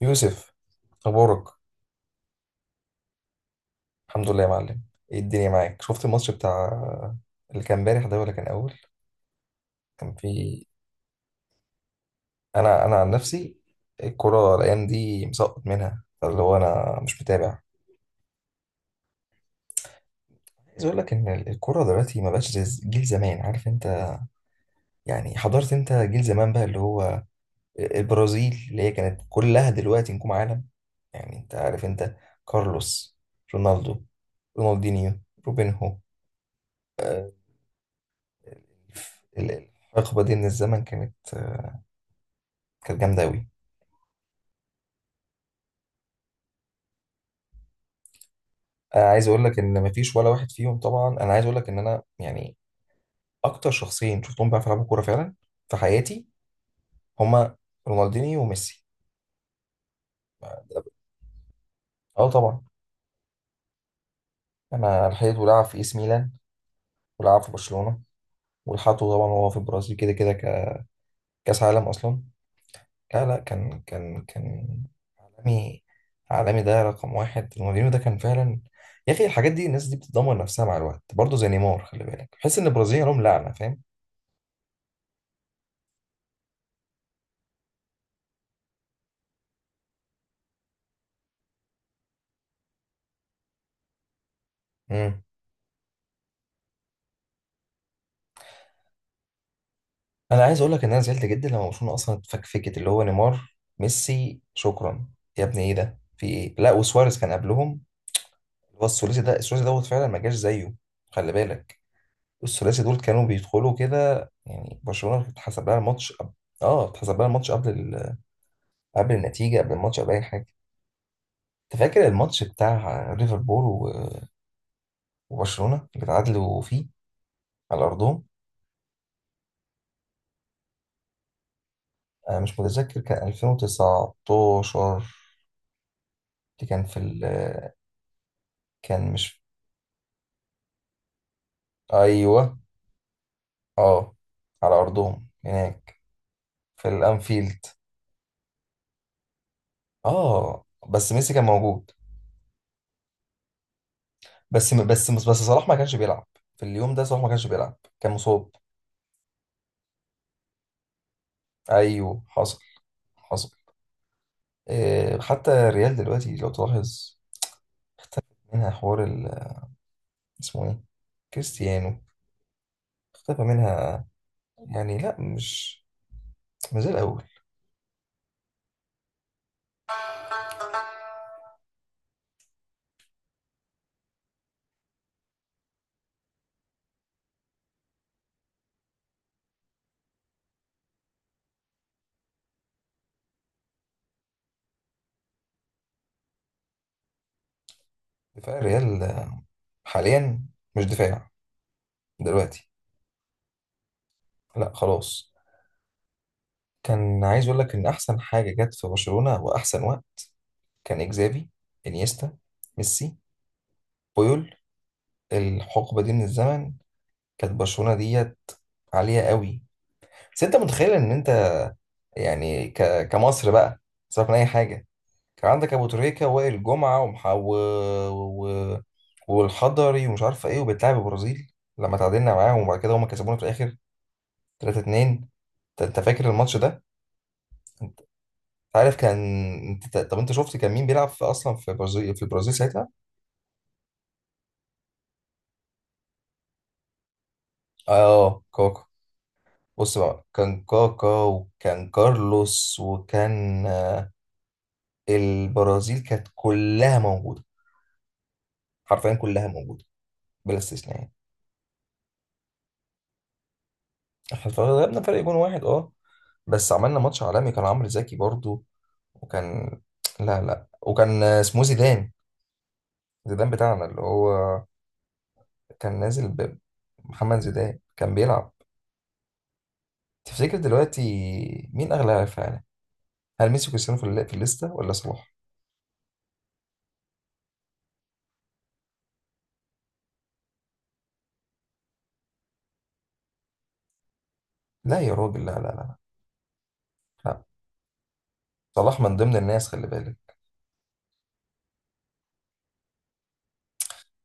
يوسف، اخبارك؟ الحمد لله يا معلم. ايه الدنيا معاك؟ شفت الماتش بتاع اللي كان امبارح ده ولا كان اول؟ كان في. انا عن نفسي، الكرة الايام دي مسقط منها، فاللي هو انا مش متابع. عايز اقول لك ان الكرة دلوقتي ما بقاش زي جيل زمان، عارف انت؟ يعني حضرت انت جيل زمان بقى اللي هو، البرازيل اللي هي كانت كلها دلوقتي نجوم عالم. يعني انت عارف انت. كارلوس، رونالدو، رونالدينيو، روبينهو، آه، ال- الحقبه دي من الزمن كانت جامده قوي. انا عايز اقول لك ان مفيش ولا واحد فيهم طبعا، انا عايز اقول لك ان انا يعني اكتر شخصين شفتهم بيعرفوا يلعبوا كوره فعلا في حياتي هما رونالدينيو وميسي. اه طبعا. انا لحقته لعب في ايس ميلان ولعب في برشلونه، ولحقته طبعا وهو في البرازيل كده كده كاس عالم اصلا. لا لا كان عالمي. عالمي، ده رقم واحد، رونالدينيو ده كان فعلا يا اخي. الحاجات دي، الناس دي بتدمر نفسها مع الوقت برضه زي نيمار، خلي بالك، بحس ان البرازيل لهم لعنه، فاهم؟ مم. انا عايز اقول لك ان انا زعلت جدا لما برشلونه اصلا اتفكفكت، اللي هو نيمار ميسي شكرا يا ابني، ايه ده في ايه، لا وسواريز كان قبلهم. هو الثلاثي ده، الثلاثي دوت فعلا ما جاش زيه. خلي بالك، الثلاثي دول كانوا بيدخلوا كده، يعني برشلونه اتحسب لها الماتش قبل. اه، اتحسب لها الماتش قبل قبل النتيجه، قبل الماتش، قبل اي حاجه. انت فاكر الماتش بتاع ليفربول وبرشلونه اللي اتعادلوا فيه على ارضهم؟ انا مش متذكر، كان 2019، اللي كان في كان مش، ايوه، اه، على ارضهم هناك، في الانفيلد. اه، بس ميسي كان موجود. بس صلاح ما كانش بيلعب في اليوم ده. صلاح ما كانش بيلعب، كان مصاب. ايوه، حصل، حصل. إيه، حتى الريال دلوقتي لو تلاحظ اختفى منها حوار اسمه ايه، كريستيانو، اختفى منها. يعني لا، مش زي الاول. دفاع الريال حاليا مش دفاع دلوقتي. لا خلاص. كان عايز اقول لك ان احسن حاجه جت في برشلونه واحسن وقت كان إجزافي، إنيستا، ميسي، بويول. الحقبة دي من الزمن كانت برشلونة ديت عالية قوي. بس أنت متخيل إن أنت، يعني كمصر بقى، سيبك من أي حاجة، كان عندك أبو تريكة ووائل جمعة و والحضري ومش عارف إيه، وبتلعب البرازيل، لما تعادلنا معاهم وبعد كده هما كسبونا في الآخر 3-2. أنت فاكر الماتش ده؟ أنت عارف كان، طب أنت شفت كان مين بيلعب في أصلا في البرازيل، في البرازيل ساعتها؟ آه، كوكا. بص بقى، كان كاكا وكان كارلوس وكان، البرازيل كانت كلها موجودة، حرفيا كلها موجودة، بلا استثناء يعني. احنا غلبنا فرق جون واحد، اه، بس عملنا ماتش عالمي. كان عمرو زكي برضو، وكان، لا لا، وكان، اسمه ايه، زيدان. زيدان بتاعنا اللي هو كان نازل. بمحمد زيدان كان بيلعب. تفتكر دلوقتي مين اغلى لاعب في العالم؟ هل ميسي وكريستيانو في في الليستة، ولا صلاح؟ لا يا راجل، لا لا لا، لا. صلاح من ضمن الناس، خلي بالك.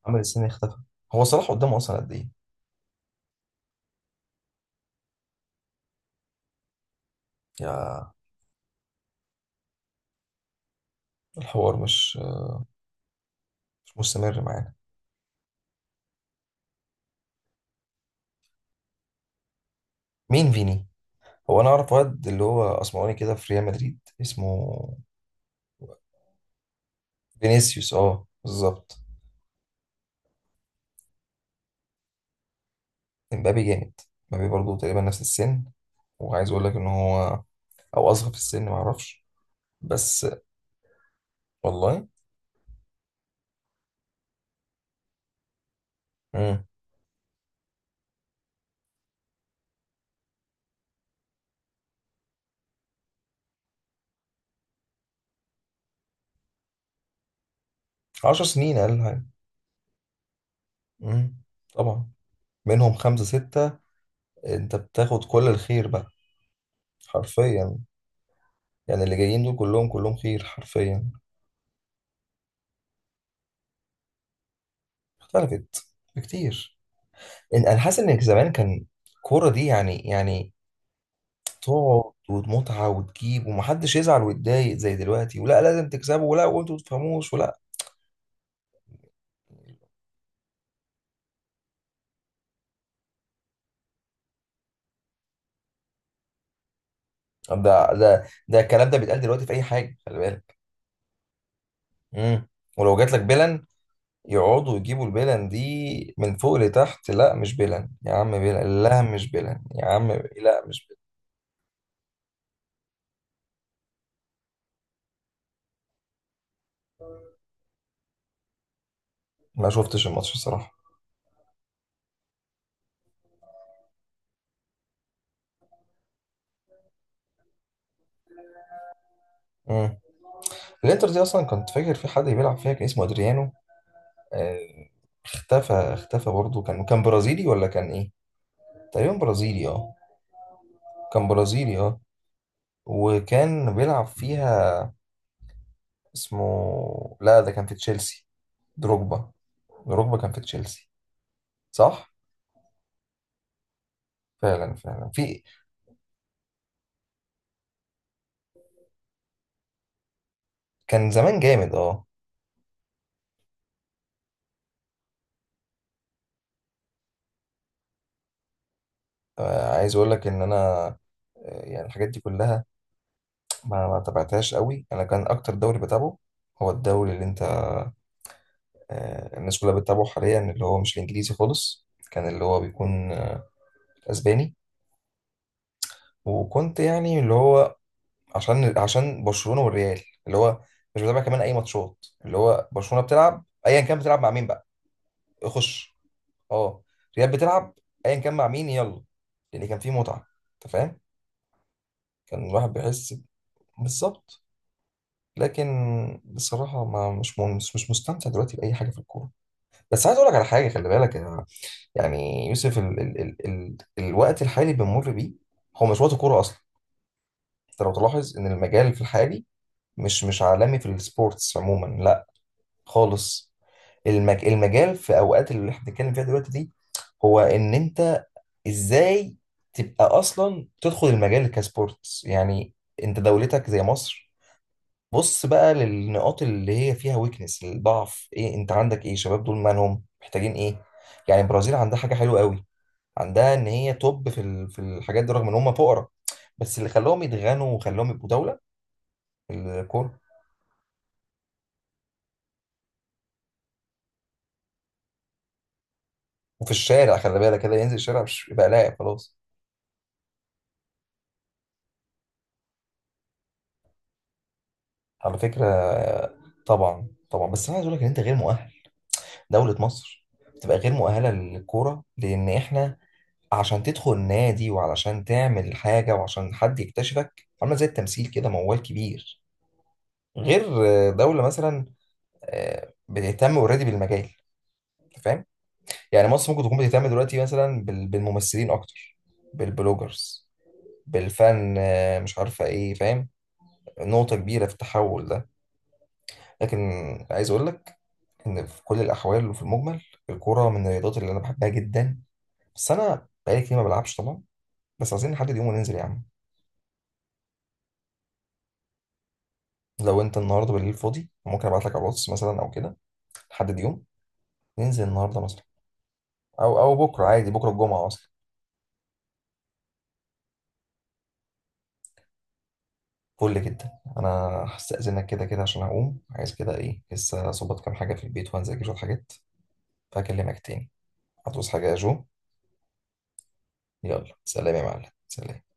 عمل السنة اختفى. هو صلاح قدامه أصلا قد إيه؟ يا، الحوار مش مستمر معانا. مين فيني؟ هو أنا أعرف واد اللي هو أسمراني كده في ريال مدريد، اسمه فينيسيوس، أه بالظبط. امبابي جامد. امبابي برضه تقريبا نفس السن، وعايز أقول لك إن هو أو أصغر في السن، معرفش. بس والله. مم. 10 سنين أقل حاجة. مم. طبعا، منهم خمسة ستة أنت بتاخد كل الخير بقى، حرفيا. يعني اللي جايين دول كلهم كلهم خير، حرفيا. اختلفت كتير. انا حاسس ان زمان كان الكوره دي، يعني تقعد ومتعه وتجيب، ومحدش يزعل ويتضايق زي دلوقتي، ولا لازم تكسبوا، ولا وانتوا ما تفهموش، ولا. طب ده، ده الكلام ده بيتقال دلوقتي في اي حاجه، خلي بالك. امم. ولو جات لك بلن، يقعدوا يجيبوا البلن دي من فوق لتحت. لا مش بلن يا عم، بلن، لا مش بلن يا عم، لا مش بلن. ما شفتش الماتش الصراحه. امم. الانتر دي اصلا كنت فاكر في حد بيلعب فيها كان اسمه ادريانو، آه، اختفى برضه، كان برازيلي ولا كان ايه؟ تقريبا برازيلي، اه، كان برازيلي، اه، وكان بيلعب فيها. اسمه، لا ده كان في تشيلسي، دروجبا. دروجبا كان في تشيلسي، صح. فعلا فعلا في كان زمان جامد اه. عايز اقول لك ان انا، يعني الحاجات دي كلها ما تابعتهاش قوي. انا كان اكتر دوري بتابعه هو الدوري اللي انت، الناس كلها بتتابعه حاليا، اللي هو مش الانجليزي خالص، كان اللي هو بيكون اسباني. وكنت يعني اللي هو، عشان برشلونه والريال، اللي هو مش بتابع كمان اي ماتشات. اللي هو برشلونه بتلعب ايا كان، بتلعب مع مين بقى، اخش. اه، ريال بتلعب ايا كان مع مين، يلا. لان كان في متعه، انت فاهم، كان الواحد بيحس بالظبط. لكن، بصراحه ما مش مش مستمتع دلوقتي باي حاجه في الكوره. بس عايز اقول لك على حاجه، خلي بالك يعني يوسف، ال ال ال ال الوقت الحالي اللي بنمر بيه هو مش وقت كوره اصلا. انت لو تلاحظ ان المجال في الحالي مش عالمي في السبورتس عموما، لا خالص. المجال في اوقات اللي احنا بنتكلم فيها دلوقتي دي، هو ان انت ازاي تبقى اصلا تدخل المجال كسبورتس يعني. انت دولتك زي مصر، بص بقى للنقاط اللي هي فيها، ويكنس الضعف ايه، انت عندك ايه، شباب دول مالهم، محتاجين ايه. يعني البرازيل عندها حاجه حلوه قوي، عندها ان هي توب في في الحاجات دي، رغم ان هم فقراء. بس اللي خلاهم يتغنوا وخلاهم يبقوا دوله، الكوره. وفي الشارع، خلي بالك، كده ينزل الشارع، مش يبقى لاعب خلاص. على فكرة، طبعا طبعا، بس انا عايز اقول لك ان انت غير مؤهل. دولة مصر بتبقى غير مؤهلة للكورة، لان احنا عشان تدخل نادي وعلشان تعمل حاجة وعشان حد يكتشفك، عاملة زي التمثيل كده موال كبير. غير دولة مثلا بتهتم اوريدي بالمجال، أنت فاهم. يعني مصر ممكن تكون بتهتم دلوقتي مثلا بالممثلين اكتر، بالبلوجرز، بالفن، مش عارفة ايه، فاهم؟ نقطة كبيرة في التحول ده. لكن، عايز اقول لك إن في كل الأحوال وفي المجمل، الكورة من الرياضات اللي أنا بحبها جدا. بس أنا بقالي كتير ما بلعبش طبعا. بس عايزين نحدد يوم وننزل يا عم. لو أنت النهاردة بالليل فاضي، ممكن أبعت لك على الواتس مثلا أو كده. نحدد يوم، ننزل النهاردة مثلا، أو بكرة عادي، بكرة الجمعة أصلا. فل جدا. أنا هستأذنك كده كده، عشان هقوم، عايز كده إيه، لسه أظبط كام حاجة في البيت وهنذاكر شوية حاجات، فهكلمك تاني. هتوصي حاجة يا جو؟ يلا، سلام يا معلم، سلام.